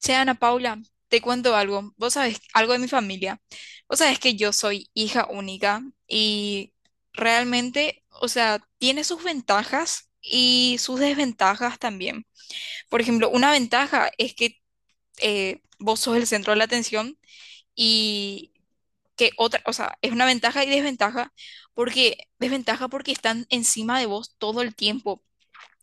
Che, Ana Paula, te cuento algo. Vos sabés algo de mi familia. Vos sabés que yo soy hija única y realmente, o sea, tiene sus ventajas y sus desventajas también. Por ejemplo, una ventaja es que vos sos el centro de la atención y que otra, o sea, es una ventaja y desventaja porque están encima de vos todo el tiempo.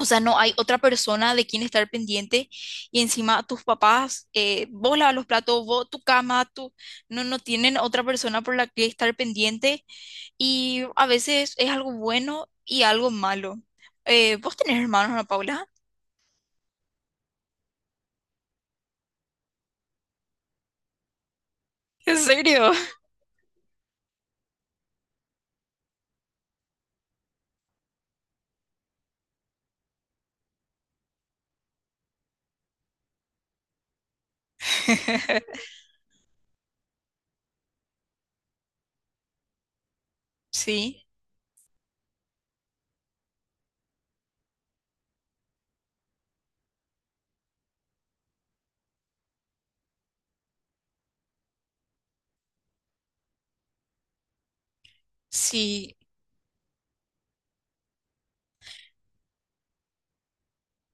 O sea, no hay otra persona de quien estar pendiente y encima tus papás, vos lavas los platos, vos tu cama, tu... No tienen otra persona por la que estar pendiente y a veces es algo bueno y algo malo. ¿Vos tenés hermanos, Ana Paula? ¿En serio? Sí, sí.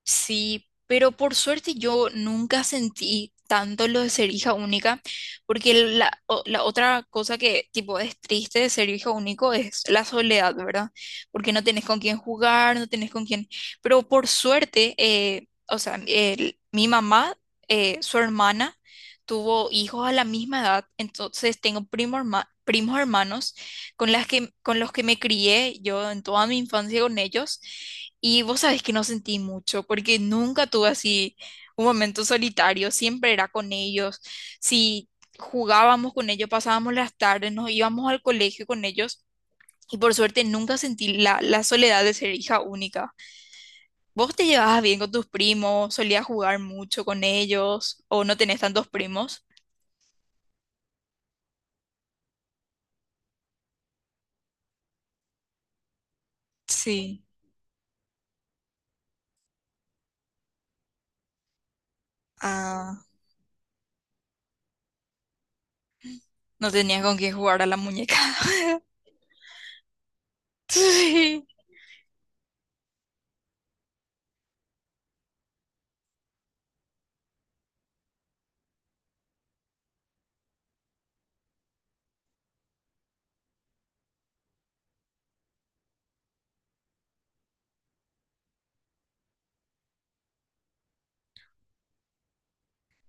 Sí, pero por suerte yo nunca sentí tanto lo de ser hija única, porque la otra cosa que tipo es triste de ser hija único es la soledad, ¿verdad? Porque no tenés con quién jugar, no tenés con quién... Pero por suerte, o sea, mi mamá, su hermana, tuvo hijos a la misma edad, entonces tengo primos hermanos con las que, con los que me crié yo en toda mi infancia con ellos. Y vos sabés que no sentí mucho, porque nunca tuve así un momento solitario, siempre era con ellos. Si jugábamos con ellos, pasábamos las tardes, nos íbamos al colegio con ellos, y por suerte nunca sentí la soledad de ser hija única. ¿Vos te llevabas bien con tus primos? ¿Solías jugar mucho con ellos? ¿O no tenés tantos primos? Sí. Ah, no tenías con quién jugar a la muñeca. Sí,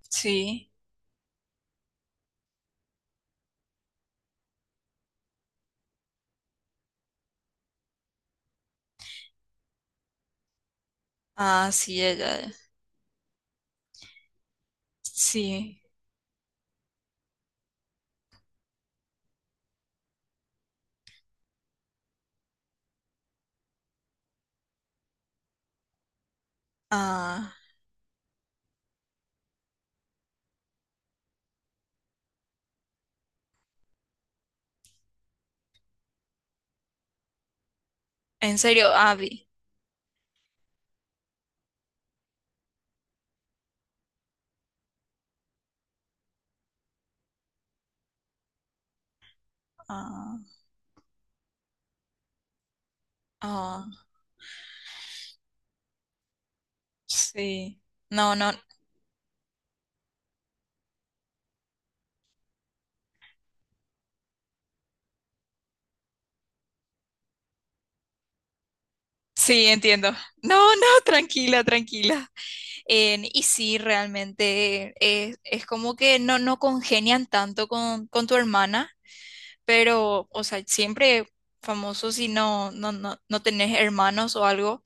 sí. Ah, sí, ella. Sí. Ah. En serio, Abby. Ah, ah, sí. No, no. Sí, entiendo. No, no, tranquila, tranquila. Y sí, realmente es como que no, no congenian tanto con tu hermana, pero, o sea, siempre famoso si no, no, no, no tenés hermanos o algo.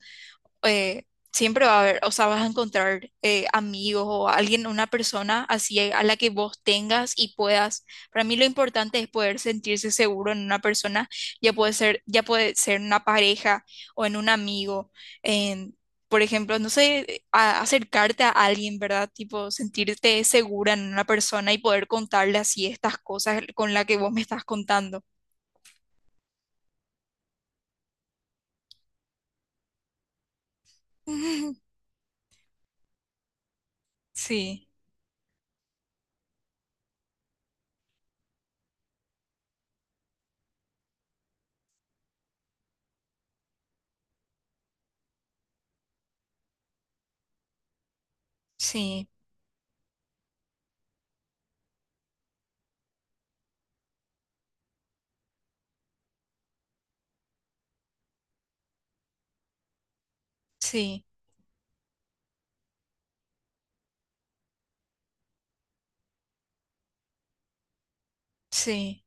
eh, Siempre va a haber, o sea, vas a encontrar amigos o alguien, una persona así a la que vos tengas y puedas. Para mí lo importante es poder sentirse seguro en una persona, ya puede ser en una pareja o en un amigo, en, por ejemplo, no sé, acercarte a alguien, ¿verdad? Tipo, sentirte segura en una persona y poder contarle así estas cosas con las que vos me estás contando. Sí, sí, sí, sí,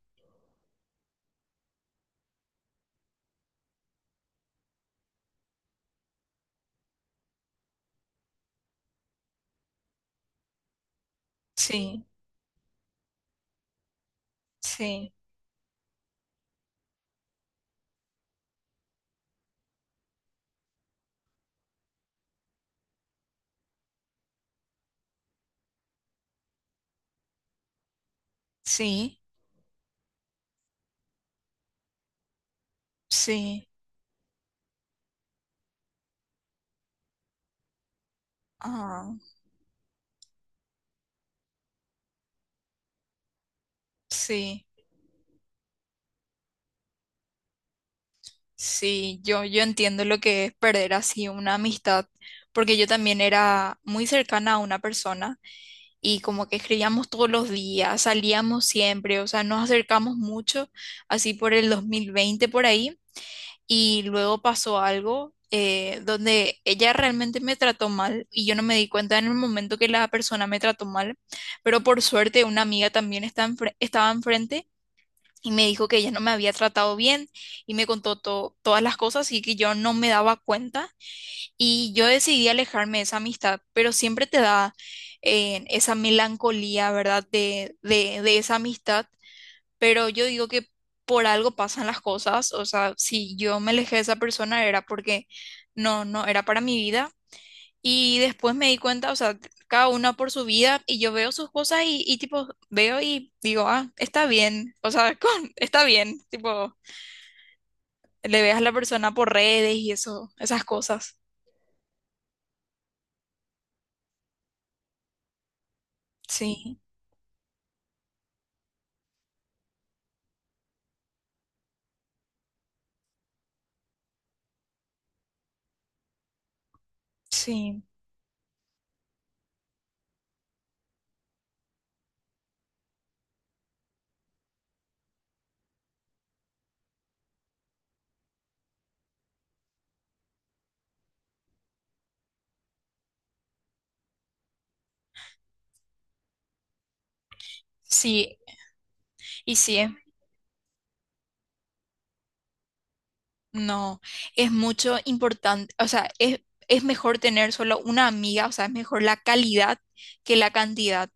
sí, sí. Sí, sí, ah, sí, sí, yo entiendo lo que es perder así una amistad, porque yo también era muy cercana a una persona y como que escribíamos todos los días, salíamos siempre, o sea, nos acercamos mucho, así por el 2020 por ahí, y luego pasó algo donde ella realmente me trató mal y yo no me di cuenta en el momento que la persona me trató mal, pero por suerte una amiga también estaba enfrente. Y me dijo que ella no me había tratado bien y me contó todas las cosas y que yo no me daba cuenta y yo decidí alejarme de esa amistad, pero siempre te da esa melancolía, ¿verdad? De esa amistad, pero yo digo que por algo pasan las cosas, o sea, si yo me alejé de esa persona era porque no, no era para mi vida. Y después me di cuenta, o sea, cada una por su vida y yo veo sus cosas y tipo, veo y digo, ah, está bien, o sea, está bien, tipo, le veas a la persona por redes y eso, esas cosas. Sí, sí, sí, y sí. es No, es mucho importante, o sea, es mejor tener solo una amiga, o sea, es mejor la calidad que la cantidad,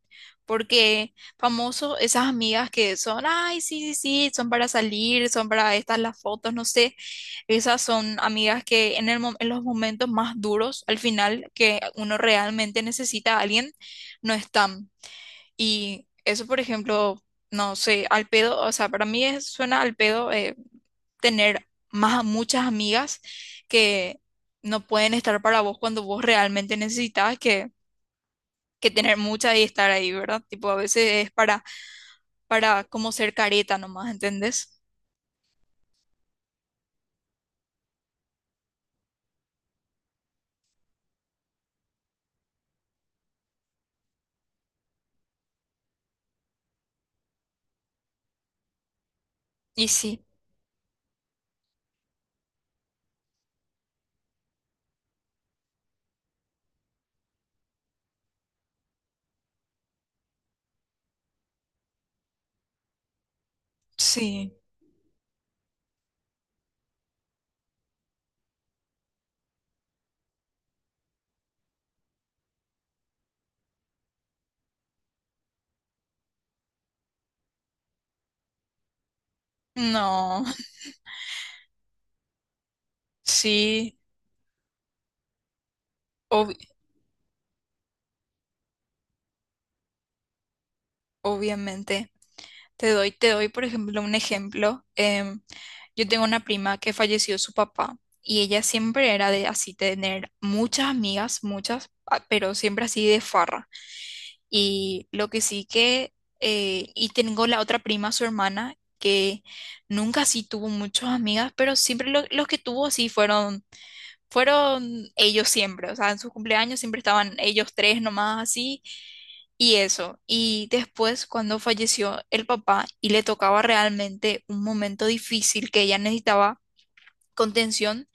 porque famoso, esas amigas que son, ay, sí, sí, sí, son para salir, son para estas las fotos, no sé, esas son amigas que en el, en los momentos más duros, al final, que uno realmente necesita a alguien, no están. Y eso, por ejemplo, no sé, al pedo, o sea, para mí suena al pedo, tener más, muchas amigas que no pueden estar para vos cuando vos realmente necesitas que tener muchas y estar ahí, ¿verdad? Tipo, a veces es para como ser careta nomás, ¿entendés? Y sí, sí, no, sí, ob- obviamente. Te doy, por ejemplo, un ejemplo. em, yo tengo una prima que falleció su papá y ella siempre era de así tener muchas amigas, muchas, ah, pero siempre así de farra. Y lo que sí que, y tengo la otra prima, su hermana, que nunca sí tuvo muchas amigas, pero siempre los que tuvo sí fueron, fueron ellos siempre. O sea, en sus cumpleaños siempre estaban ellos tres nomás así, y eso. Y después, cuando falleció el papá y le tocaba realmente un momento difícil que ella necesitaba contención,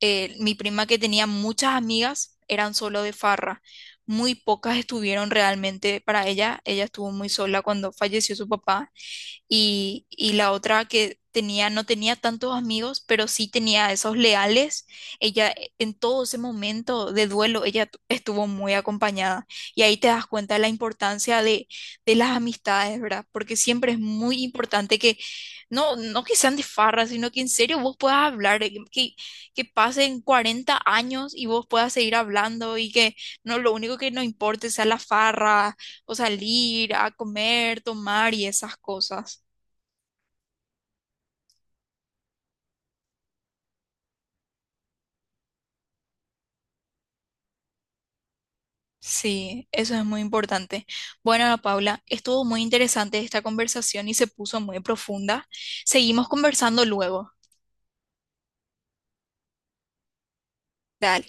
mi prima que tenía muchas amigas eran solo de farra. Muy pocas estuvieron realmente para ella. Ella estuvo muy sola cuando falleció su papá y la otra que tenía, no tenía tantos amigos, pero sí tenía esos leales. Ella en todo ese momento de duelo, estuvo muy acompañada. Y ahí te das cuenta de la importancia de las amistades, ¿verdad? Porque siempre es muy importante que, no, no que sean de farra, sino que en serio vos puedas hablar, que pasen 40 años y vos puedas seguir hablando y que no, lo único que no importe sea la farra o salir a comer, tomar y esas cosas. Sí, eso es muy importante. Bueno, Ana Paula, estuvo muy interesante esta conversación y se puso muy profunda. Seguimos conversando luego. Dale.